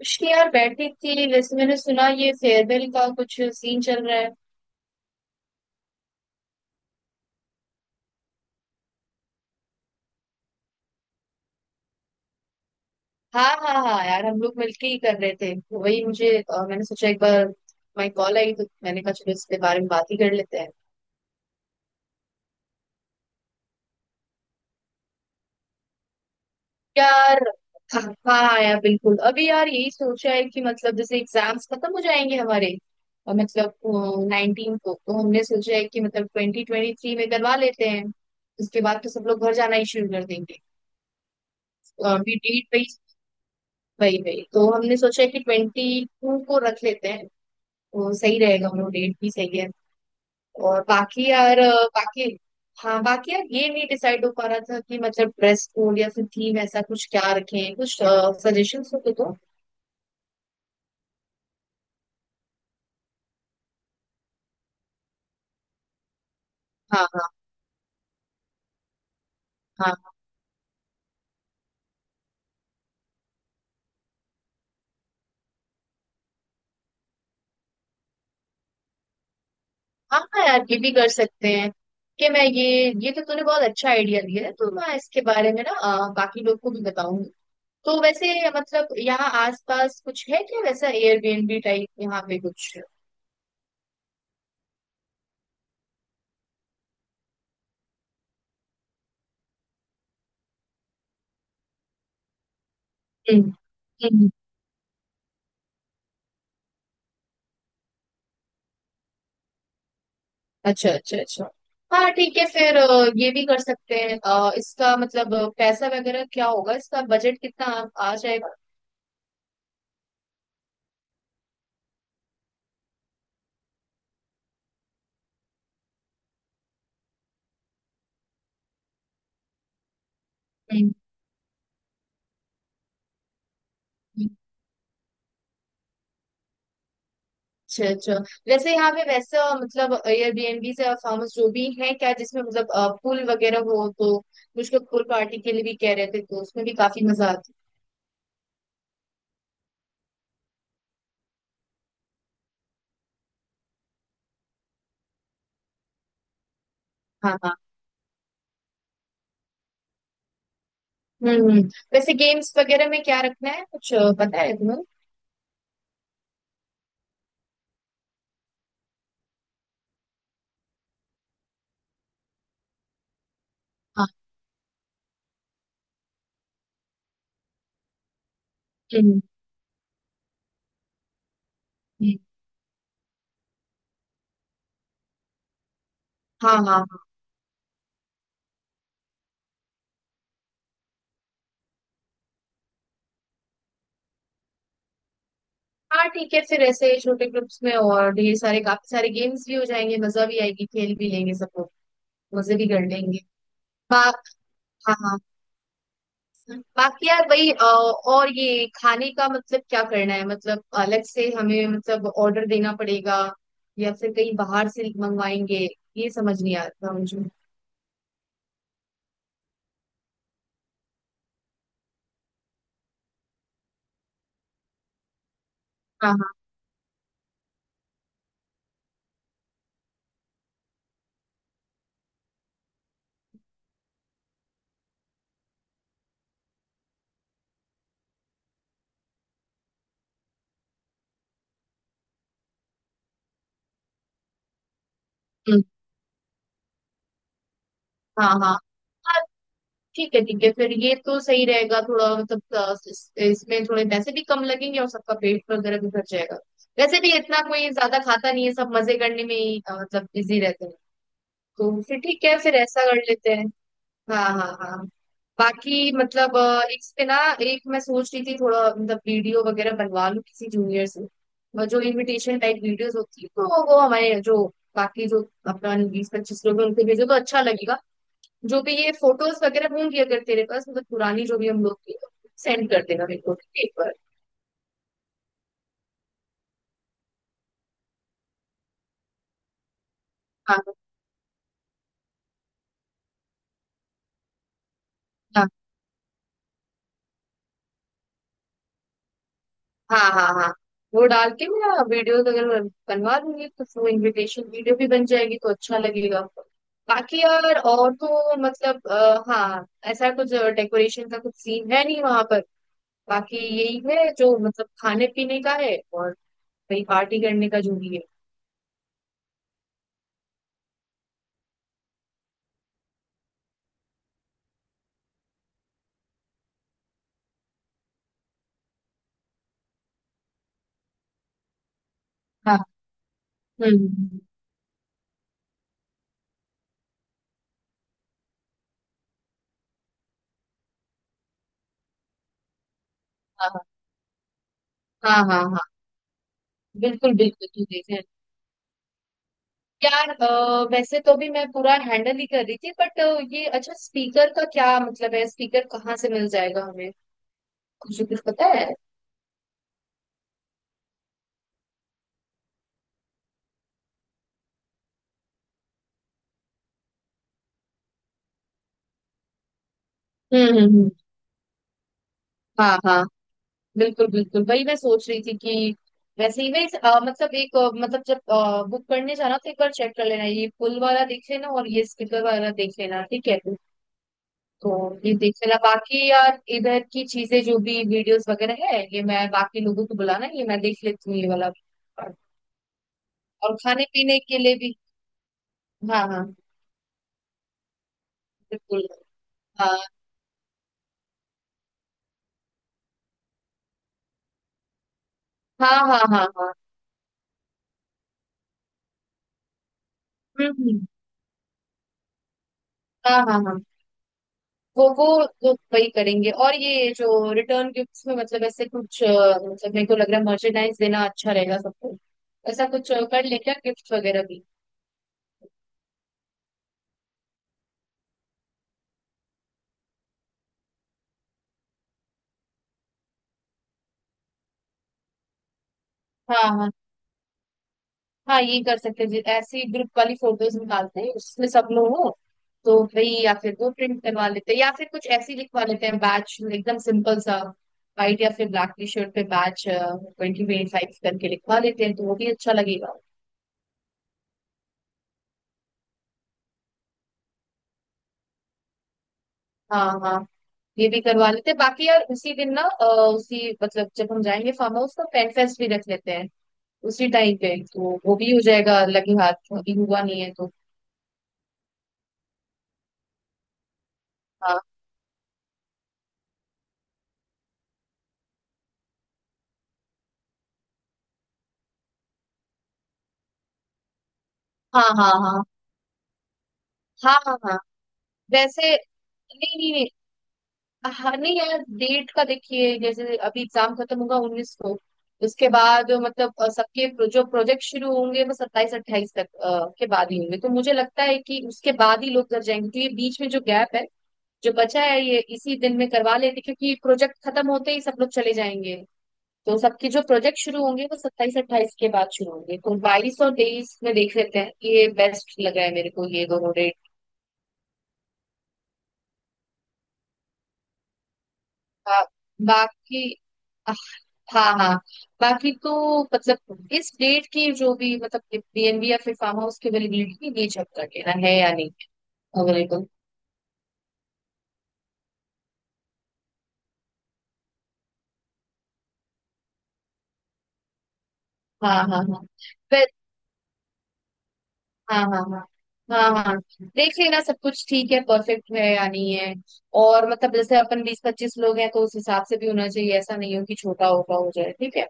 उसकी यार बैठी थी, वैसे मैंने सुना ये फेयरवेल का कुछ सीन चल रहा है। हाँ हाँ हाँ यार, हम लोग मिलके ही कर रहे थे तो वही मुझे मैंने सोचा एक बार माई कॉल आई तो मैंने कहा चलो इसके बारे में बात ही कर लेते हैं। यार हाँ हाँ यार बिल्कुल, अभी यार यही सोचा है कि मतलब जैसे एग्जाम्स खत्म हो जाएंगे हमारे मतलब 19 को, तो हमने सोचा है कि मतलब 2023 में करवा लेते हैं। उसके बाद तो सब लोग घर जाना ही शुरू कर देंगे। तो अभी डेट वही वही वही तो हमने सोचा है कि 22 को रख लेते हैं तो सही रहेगा, वो डेट भी सही है। और बाकी यार बाकी हाँ, बाकी यार ये नहीं डिसाइड हो पा रहा था कि मतलब ड्रेस कोड या फिर थीम ऐसा कुछ क्या रखें, कुछ सजेशंस हो तो दो। हाँ हाँ हाँ हाँ हाँ यार ये भी कर सकते हैं। कि मैं ये तो तूने बहुत अच्छा आइडिया दिया है, तो मैं इसके बारे में ना बाकी लोग को भी बताऊंगी। तो वैसे मतलब यहाँ आसपास कुछ है क्या वैसा एयरबीएनबी टाइप यहाँ पे कुछ? हम्म। अच्छा अच्छा अच्छा। हाँ ठीक है फिर ये भी कर सकते हैं। इसका मतलब पैसा वगैरह क्या होगा, इसका बजट कितना आ आ जाएगा? हम्म, हम्म। अच्छा अच्छा। वैसे यहाँ पे वैसा मतलब एयरबीएनबी से फार्म हाउस जो भी है क्या जिसमें मतलब पूल वगैरह हो, तो कुछ लोग पूल पार्टी के लिए भी कह रहे थे तो उसमें भी काफी मजा आता है। हाँ हाँ। हम्म हम्म। वैसे गेम्स वगैरह में क्या रखना है कुछ पता है तुम्हें? हाँ। हम्म, हम्म। हाँ हाँ हाँ ठीक है, फिर ऐसे छोटे ग्रुप्स में और ये सारे काफी सारे गेम्स भी हो जाएंगे, मजा भी आएगी, खेल भी लेंगे सब लोग, मजे भी कर लेंगे। बा हाँ हाँ। बाकी यार वही और ये खाने का मतलब क्या करना है? मतलब अलग से हमें मतलब ऑर्डर देना पड़ेगा या फिर कहीं बाहर से मंगवाएंगे? ये समझ नहीं आ रहा मुझे। हाँ हाँ। हम्म, हाँ हाँ ठीक है ठीक है, फिर ये तो सही रहेगा, थोड़ा मतलब इसमें थोड़े पैसे भी कम लगेंगे और सबका पेट वगैरह भी भर जाएगा। वैसे भी इतना कोई ज्यादा खाता नहीं है, सब मजे करने में ही मतलब बिजी रहते हैं। तो फिर ठीक है, फिर ऐसा कर लेते हैं। हाँ हाँ हाँ। बाकी मतलब एक पे ना एक मैं सोच रही थी, थोड़ा मतलब वीडियो वगैरह बनवा लूँ किसी जूनियर से, और जो इनविटेशन टाइप वीडियोस होती है तो वो हमारे जो बाकी जो अपना 20-25 लोग हैं उनको भेजो तो अच्छा लगेगा। जो भी ये फोटोज वगैरह होंगी, अगर तेरे पास मतलब पुरानी जो भी हम लोग की, सेंड कर देना मेरे को, ठीक है एक बार। हाँ हाँ हाँ हाँ हाँ। वो डाल के मैं वीडियोस अगर मैं बनवा दूंगी तो वो इनविटेशन वीडियो भी बन जाएगी तो अच्छा लगेगा। बाकी यार और तो मतलब हाँ, ऐसा कुछ डेकोरेशन का कुछ सीन है नहीं वहां पर? बाकी यही है जो मतलब खाने पीने का है और वही पार्टी करने का जो भी है। हाँ। हम्म हम्म, हम्म, हाँ हाँ हाँ हाँ हाँ, बिल्कुल बिल्कुल ठीक है। यार वैसे तो भी मैं पूरा हैंडल ही कर रही थी, बट ये अच्छा, स्पीकर का क्या मतलब है? स्पीकर कहाँ से मिल जाएगा हमें, कुछ कुछ पता है? हम्म हम्म हम्म। हाँ हाँ बिल्कुल बिल्कुल, वही मैं सोच रही थी कि वैसे ही मैं मतलब एक मतलब जब बुक करने जाना तो एक बार चेक कर लेना ये पुल वाला देख लेना और ये स्पीकर वाला देख लेना, ठीक है? तो ये देख लेना। बाकी यार इधर की चीजें जो भी वीडियोस वगैरह है ये मैं, बाकी लोगों को बुलाना ये मैं देख लेती हूँ, ये वाला और खाने पीने के लिए भी। हाँ हाँ बिल्कुल। हाँ हाँ हाँ हाँ हाँ। हम्म हम्म, हाँ हाँ हाँ। वो वो वो वही करेंगे। और ये जो रिटर्न गिफ्ट्स में मतलब ऐसे कुछ मतलब मेरे को लग रहा है मर्चेंडाइज देना अच्छा रहेगा सबको, ऐसा कुछ कर लें क्या गिफ्ट वगैरह भी? हाँ हाँ हाँ ये कर सकते हैं। ऐसी ग्रुप वाली फोटोज निकालते हैं उसमें सब लोग हो तो भाई, या फिर वो प्रिंट करवा लेते हैं या फिर कुछ ऐसी लिखवा लेते हैं बैच एकदम सिंपल सा, व्हाइट या फिर ब्लैक टी शर्ट पे बैच 2025 करके लिखवा लेते हैं तो वो भी अच्छा लगेगा। हाँ हाँ। ये भी करवा लेते हैं। बाकी यार उसी दिन ना उसी, मतलब जब हम जाएंगे फार्म हाउस तो पेन फेस्ट भी रख लेते हैं उसी टाइम पे, तो वो भी हो जाएगा लगे हाथ, अभी हुआ नहीं है तो। हाँ हाँ हाँ हाँ हाँ हाँ हाँ। वैसे, नहीं नहीं नहीं, हाँ नहीं यार डेट का देखिए, जैसे अभी एग्जाम खत्म होगा 19 को, उसके बाद मतलब सबके जो प्रोजेक्ट शुरू होंगे वो 27-28 तक के बाद ही होंगे, तो मुझे लगता है कि उसके बाद ही लोग कर जाएंगे, क्योंकि बीच में जो गैप है जो बचा है ये इसी दिन में करवा लेते, क्योंकि प्रोजेक्ट खत्म होते ही सब लोग चले जाएंगे। तो सबके जो प्रोजेक्ट शुरू होंगे वो सत्ताईस अट्ठाईस के बाद शुरू होंगे, तो 22 और 23 में देख लेते हैं, ये बेस्ट लगा है मेरे को ये दोनों डेट। बाकी हाँ हाँ। बाकी तो मतलब इस डेट की जो भी मतलब बीएनबी या फिर फार्म हाउस की अवेलेबिलिटी ये चेक कर लेना है या नहीं अवेलेबल। हाँ हाँ हाँ। फिर हाँ हाँ हाँ हाँ हाँ, देख लेना सब कुछ ठीक है परफेक्ट है या नहीं है, और मतलब जैसे अपन 20-25 लोग हैं तो उस हिसाब से भी होना चाहिए, ऐसा नहीं हो कि छोटा होगा हो जाए, ठीक है?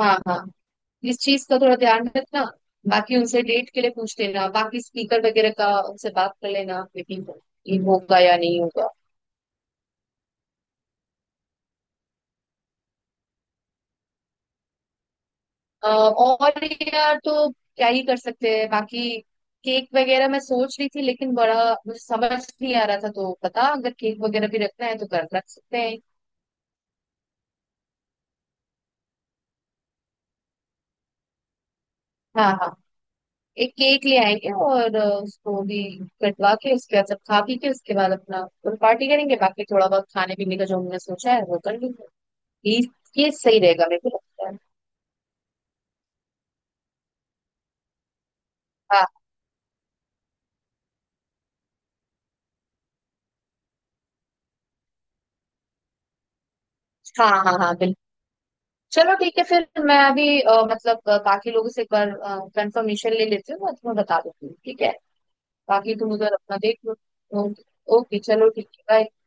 हाँ हाँ। इस चीज का थोड़ा ध्यान रखना, बाकी उनसे डेट के लिए पूछ लेना, बाकी स्पीकर वगैरह का उनसे बात कर लेना मीटिंग ये होगा या नहीं होगा। और यार तो क्या ही कर सकते हैं बाकी, केक वगैरह मैं सोच रही थी लेकिन बड़ा मुझे समझ नहीं आ रहा था, तो बता, अगर केक वगैरह भी रखना है तो कर रख सकते हैं। हाँ हाँ। एक केक ले आएंगे और उसको भी कटवा के, उसके बाद सब खा पी के उसके बाद अपना पार्टी करेंगे, बाकी थोड़ा बहुत खाने पीने का जो हमने सोचा है वो कर लेंगे। ये ये सही रहेगा मेरे को लगता है। हाँ हाँ हाँ हाँ बिल्कुल। चलो ठीक है, फिर मैं अभी मतलब बाकी लोगों से एक बार कंफर्मेशन ले लेती हूँ, मैं तुम्हें बता देती हूँ, ठीक है। बाकी तुम उधर अपना देख लो। ओके। ओके, चलो ठीक है bye।